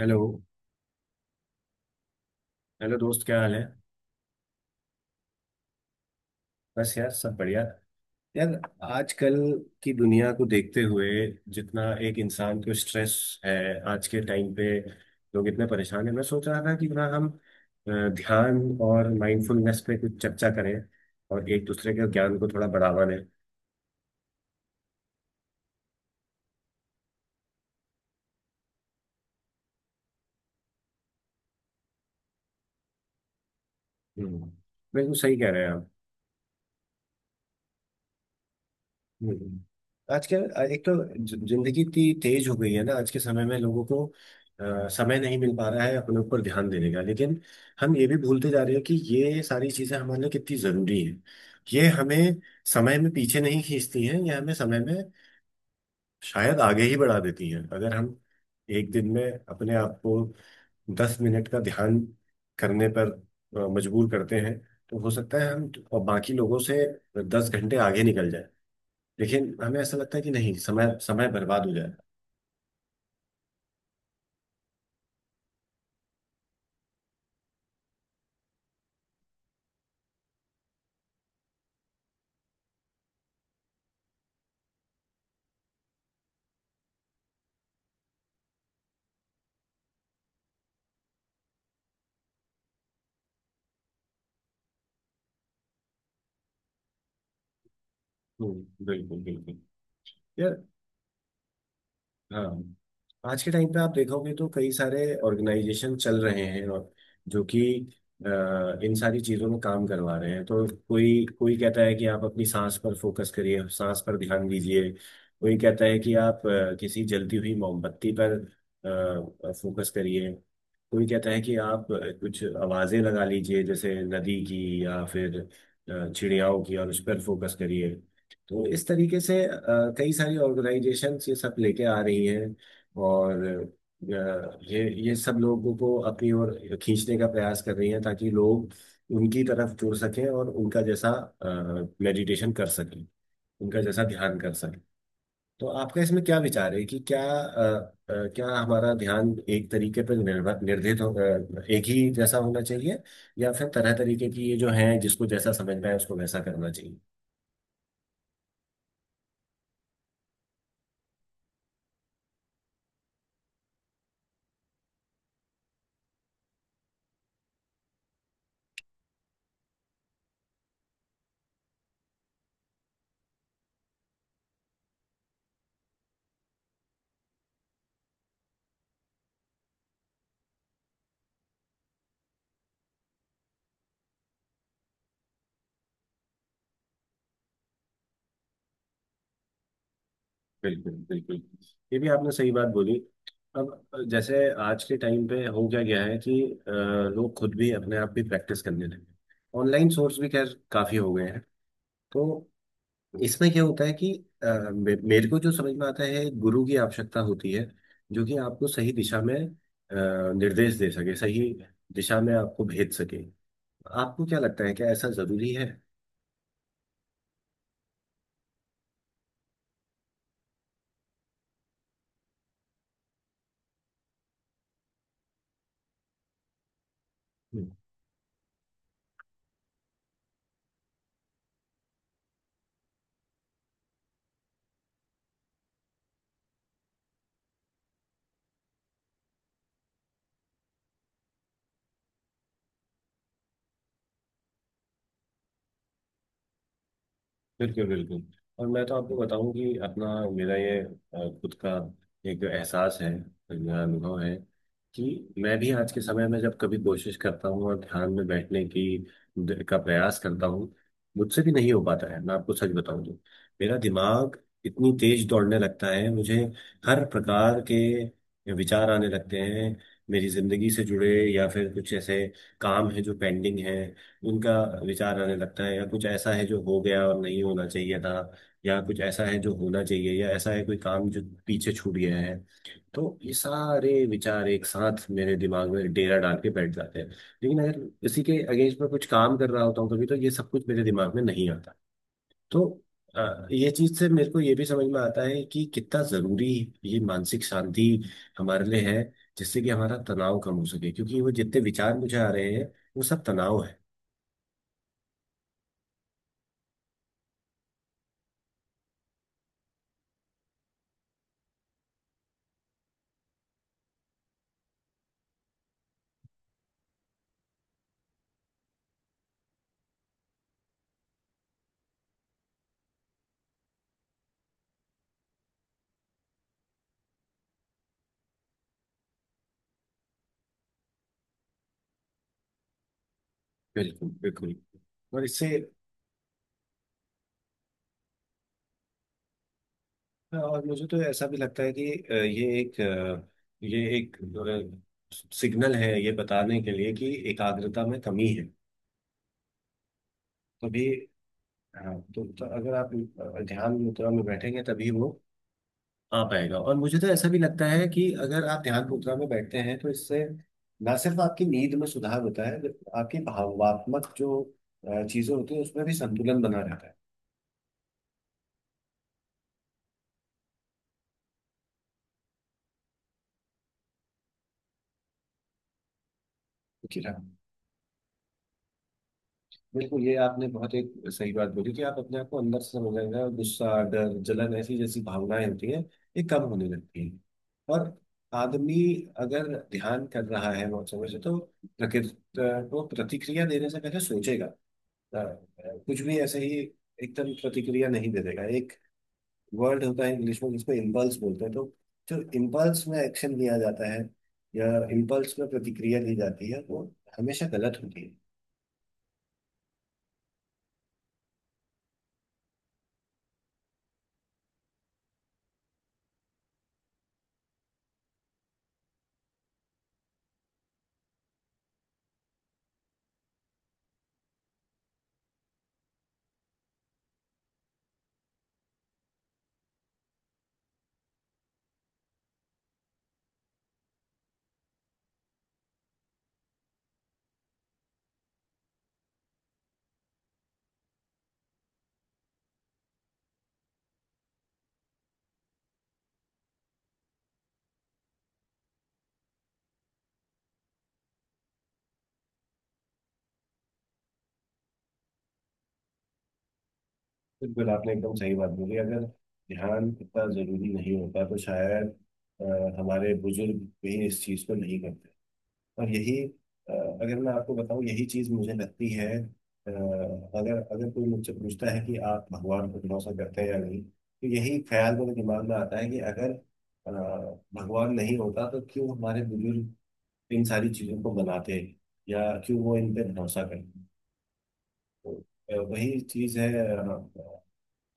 Hello. Hello दोस्त, क्या हाल है? बस यार, सब बढ़िया। यार, आजकल की दुनिया को देखते हुए जितना एक इंसान को स्ट्रेस है, आज के टाइम पे लोग इतने परेशान हैं। मैं सोच रहा था कि ना हम ध्यान और माइंडफुलनेस पे कुछ चर्चा करें और एक दूसरे के ज्ञान को थोड़ा बढ़ावा दें। हम्म, बिल्कुल सही कह रहे हैं आप। हम्म। हम्म। आज क्या, एक तो जिंदगी इतनी तेज हो गई है ना आज के समय में। लोगों को समय नहीं मिल पा रहा है अपने ऊपर ध्यान देने का। लेकिन हम ये भी भूलते जा रहे हैं कि ये सारी चीजें हमारे लिए कितनी जरूरी हैं। ये हमें समय में पीछे नहीं खींचती हैं, ये हमें समय में शायद आगे ही बढ़ा देती हैं। अगर हम एक दिन में अपने आप को 10 मिनट का ध्यान करने पर मजबूर करते हैं, तो हो सकता है हम बाकी लोगों से 10 घंटे आगे निकल जाए। लेकिन हमें ऐसा लगता है कि नहीं, समय समय बर्बाद हो जाएगा। बिल्कुल बिल्कुल। यार, हाँ। आज के टाइम पे आप देखोगे तो कई सारे ऑर्गेनाइजेशन चल रहे हैं, और जो कि अ, इन सारी चीजों में काम करवा रहे हैं। तो कोई कोई कहता है कि आप अपनी सांस पर फोकस करिए, सांस पर ध्यान दीजिए। कोई कहता है कि आप किसी जलती हुई मोमबत्ती पर फोकस करिए। कोई कहता है कि आप कुछ आवाजें लगा लीजिए, जैसे नदी की या फिर चिड़ियाओं की, और उस पर फोकस करिए। तो इस तरीके से कई सारी ऑर्गेनाइजेशंस ये सब लेके आ रही हैं। और ये सब लोगों को अपनी ओर खींचने का प्रयास कर रही हैं, ताकि लोग उनकी तरफ जुड़ सकें और उनका जैसा मेडिटेशन कर सकें, उनका जैसा ध्यान कर सकें। तो आपका इसमें क्या विचार है कि क्या क्या हमारा ध्यान एक तरीके पर निर्भर निर्धारित हो, एक ही जैसा होना चाहिए, या फिर तरह तरीके की ये जो है, जिसको जैसा समझना है उसको वैसा करना चाहिए? बिल्कुल बिल्कुल, ये भी आपने सही बात बोली। अब जैसे आज के टाइम पे हो क्या गया है कि अ, लोग खुद भी, अपने आप भी प्रैक्टिस करने लगे, ऑनलाइन सोर्स भी खैर काफी हो गए हैं। तो इसमें क्या होता है कि अ, मेरे को जो समझ में आता है, एक गुरु की आवश्यकता होती है जो कि आपको सही दिशा में निर्देश दे सके, सही दिशा में आपको भेज सके। आपको क्या लगता है, क्या ऐसा जरूरी है? बिल्कुल बिल्कुल। और मैं तो आपको बताऊं कि अपना, मेरा ये खुद का एक एहसास है, मेरा अनुभव है, कि मैं भी आज के समय में जब कभी कोशिश करता हूँ और ध्यान में बैठने की का प्रयास करता हूँ, मुझसे भी नहीं हो पाता है। मैं आपको सच बताऊं तो मेरा दिमाग इतनी तेज दौड़ने लगता है, मुझे हर प्रकार के विचार आने लगते हैं। मेरी जिंदगी से जुड़े, या फिर कुछ ऐसे काम है जो पेंडिंग है उनका विचार आने लगता है, या कुछ ऐसा है जो हो गया और नहीं होना चाहिए था, या कुछ ऐसा है जो होना चाहिए, या ऐसा है कोई काम जो पीछे छूट गया है। तो ये सारे विचार एक साथ मेरे दिमाग में डेरा डाल के बैठ जाते हैं। लेकिन अगर इसी के अगेंस्ट में कुछ काम कर रहा होता हूँ कभी, तो ये सब कुछ मेरे दिमाग में नहीं आता। तो ये चीज से मेरे को ये भी समझ में आता है कि कितना जरूरी ये मानसिक शांति हमारे लिए है, जिससे कि हमारा तनाव कम हो सके, क्योंकि वो जितने विचार मुझे आ रहे हैं, वो सब तनाव है। बिल्कुल बिल्कुल। और इससे और मुझे तो ऐसा भी लगता है कि ये एक सिग्नल है, ये बताने के लिए कि एकाग्रता में कमी है तभी। हाँ तो, अगर आप ध्यान मुद्रा में बैठेंगे तभी वो आ पाएगा। और मुझे तो ऐसा भी लगता है कि अगर आप ध्यान मुद्रा में बैठते हैं, तो इससे ना सिर्फ आपकी नींद में सुधार होता है, आपकी भावात्मक जो चीजें होती है उसमें भी संतुलन बना रहता है। जी हाँ। देखो, ये आपने बहुत एक सही बात बोली कि आप अपने आप को अंदर से समझाएंगे, और गुस्सा, डर, जलन ऐसी जैसी भावनाएं होती हैं ये कम होने लगती हैं। और आदमी अगर ध्यान कर रहा है बहुत समय से, तो प्रकृति को प्रतिक्रिया देने से पहले सोचेगा। अ, कुछ भी ऐसे ही एकदम प्रतिक्रिया नहीं दे देगा। एक वर्ड होता है इंग्लिश में जिसको इम्पल्स बोलते हैं। तो जो इम्पल्स में एक्शन लिया जाता है, या इम्पल्स में प्रतिक्रिया दी जाती है, वो हमेशा गलत होती है। बिल्कुल, आपने एकदम सही बात बोली। अगर ध्यान इतना जरूरी नहीं होता, तो शायद अ, हमारे बुजुर्ग भी इस चीज को नहीं करते। और यही अगर मैं आपको बताऊं, यही चीज मुझे लगती है। अगर अगर कोई मुझसे पूछता है कि आप भगवान पर भरोसा करते हैं या नहीं, तो यही ख्याल मेरे दिमाग में आता है कि अगर अ, भगवान नहीं होता, तो क्यों हमारे बुजुर्ग इन सारी चीजों को बनाते, या क्यों वो इन पे भरोसा करते। तो वही चीज है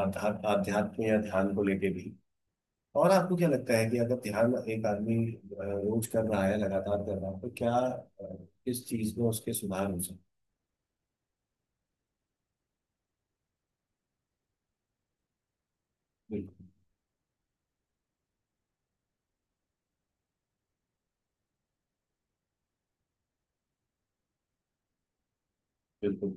आध्यात्म या ध्यान को लेके भी। और आपको क्या लगता है कि अगर ध्यान एक आदमी रोज कर रहा है, लगातार कर रहा है, तो क्या किस चीज में उसके सुधार हो सकते? बिल्कुल बिल्कुल।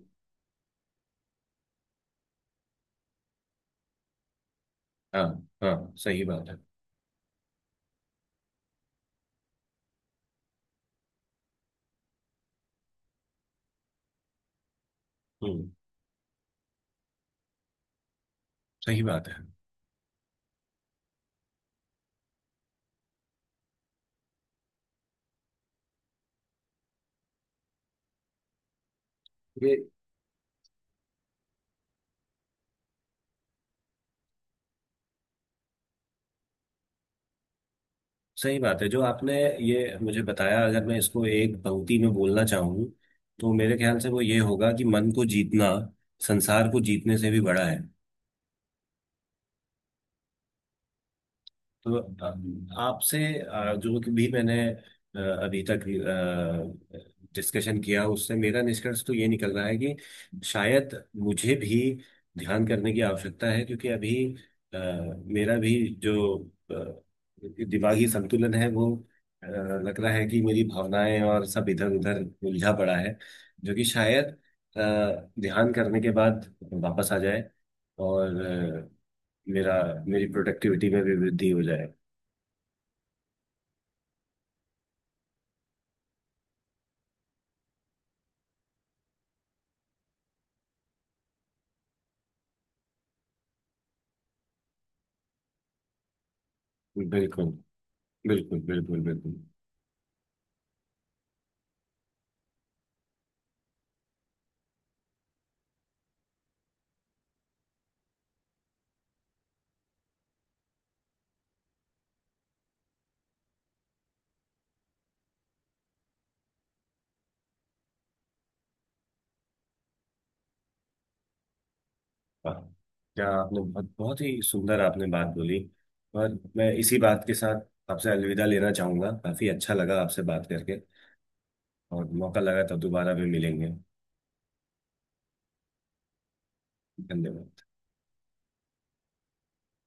हाँ हाँ, सही बात है। हम्म, सही बात है। ये सही बात है जो आपने ये मुझे बताया। अगर मैं इसको एक पंक्ति में बोलना चाहूँ, तो मेरे ख्याल से वो ये होगा कि मन को जीतना संसार को जीतने से भी बड़ा है। तो आपसे जो कि भी मैंने अभी तक डिस्कशन किया, उससे मेरा निष्कर्ष तो ये निकल रहा है कि शायद मुझे भी ध्यान करने की आवश्यकता है, क्योंकि अभी अ, मेरा भी जो अ, दिमागी संतुलन है वो लग रहा है कि मेरी भावनाएं और सब इधर उधर उलझा पड़ा है, जो कि शायद अ, ध्यान करने के बाद वापस आ जाए। और मेरा मेरी प्रोडक्टिविटी में भी वृद्धि हो जाए। बिल्कुल बिल्कुल बिल्कुल बिल्कुल। वाह, क्या आपने बहुत बहुत ही सुंदर आपने बात बोली। और मैं इसी बात के साथ आपसे अलविदा लेना चाहूंगा, काफी अच्छा लगा आपसे बात करके। और मौका लगा तब दोबारा भी मिलेंगे। धन्यवाद।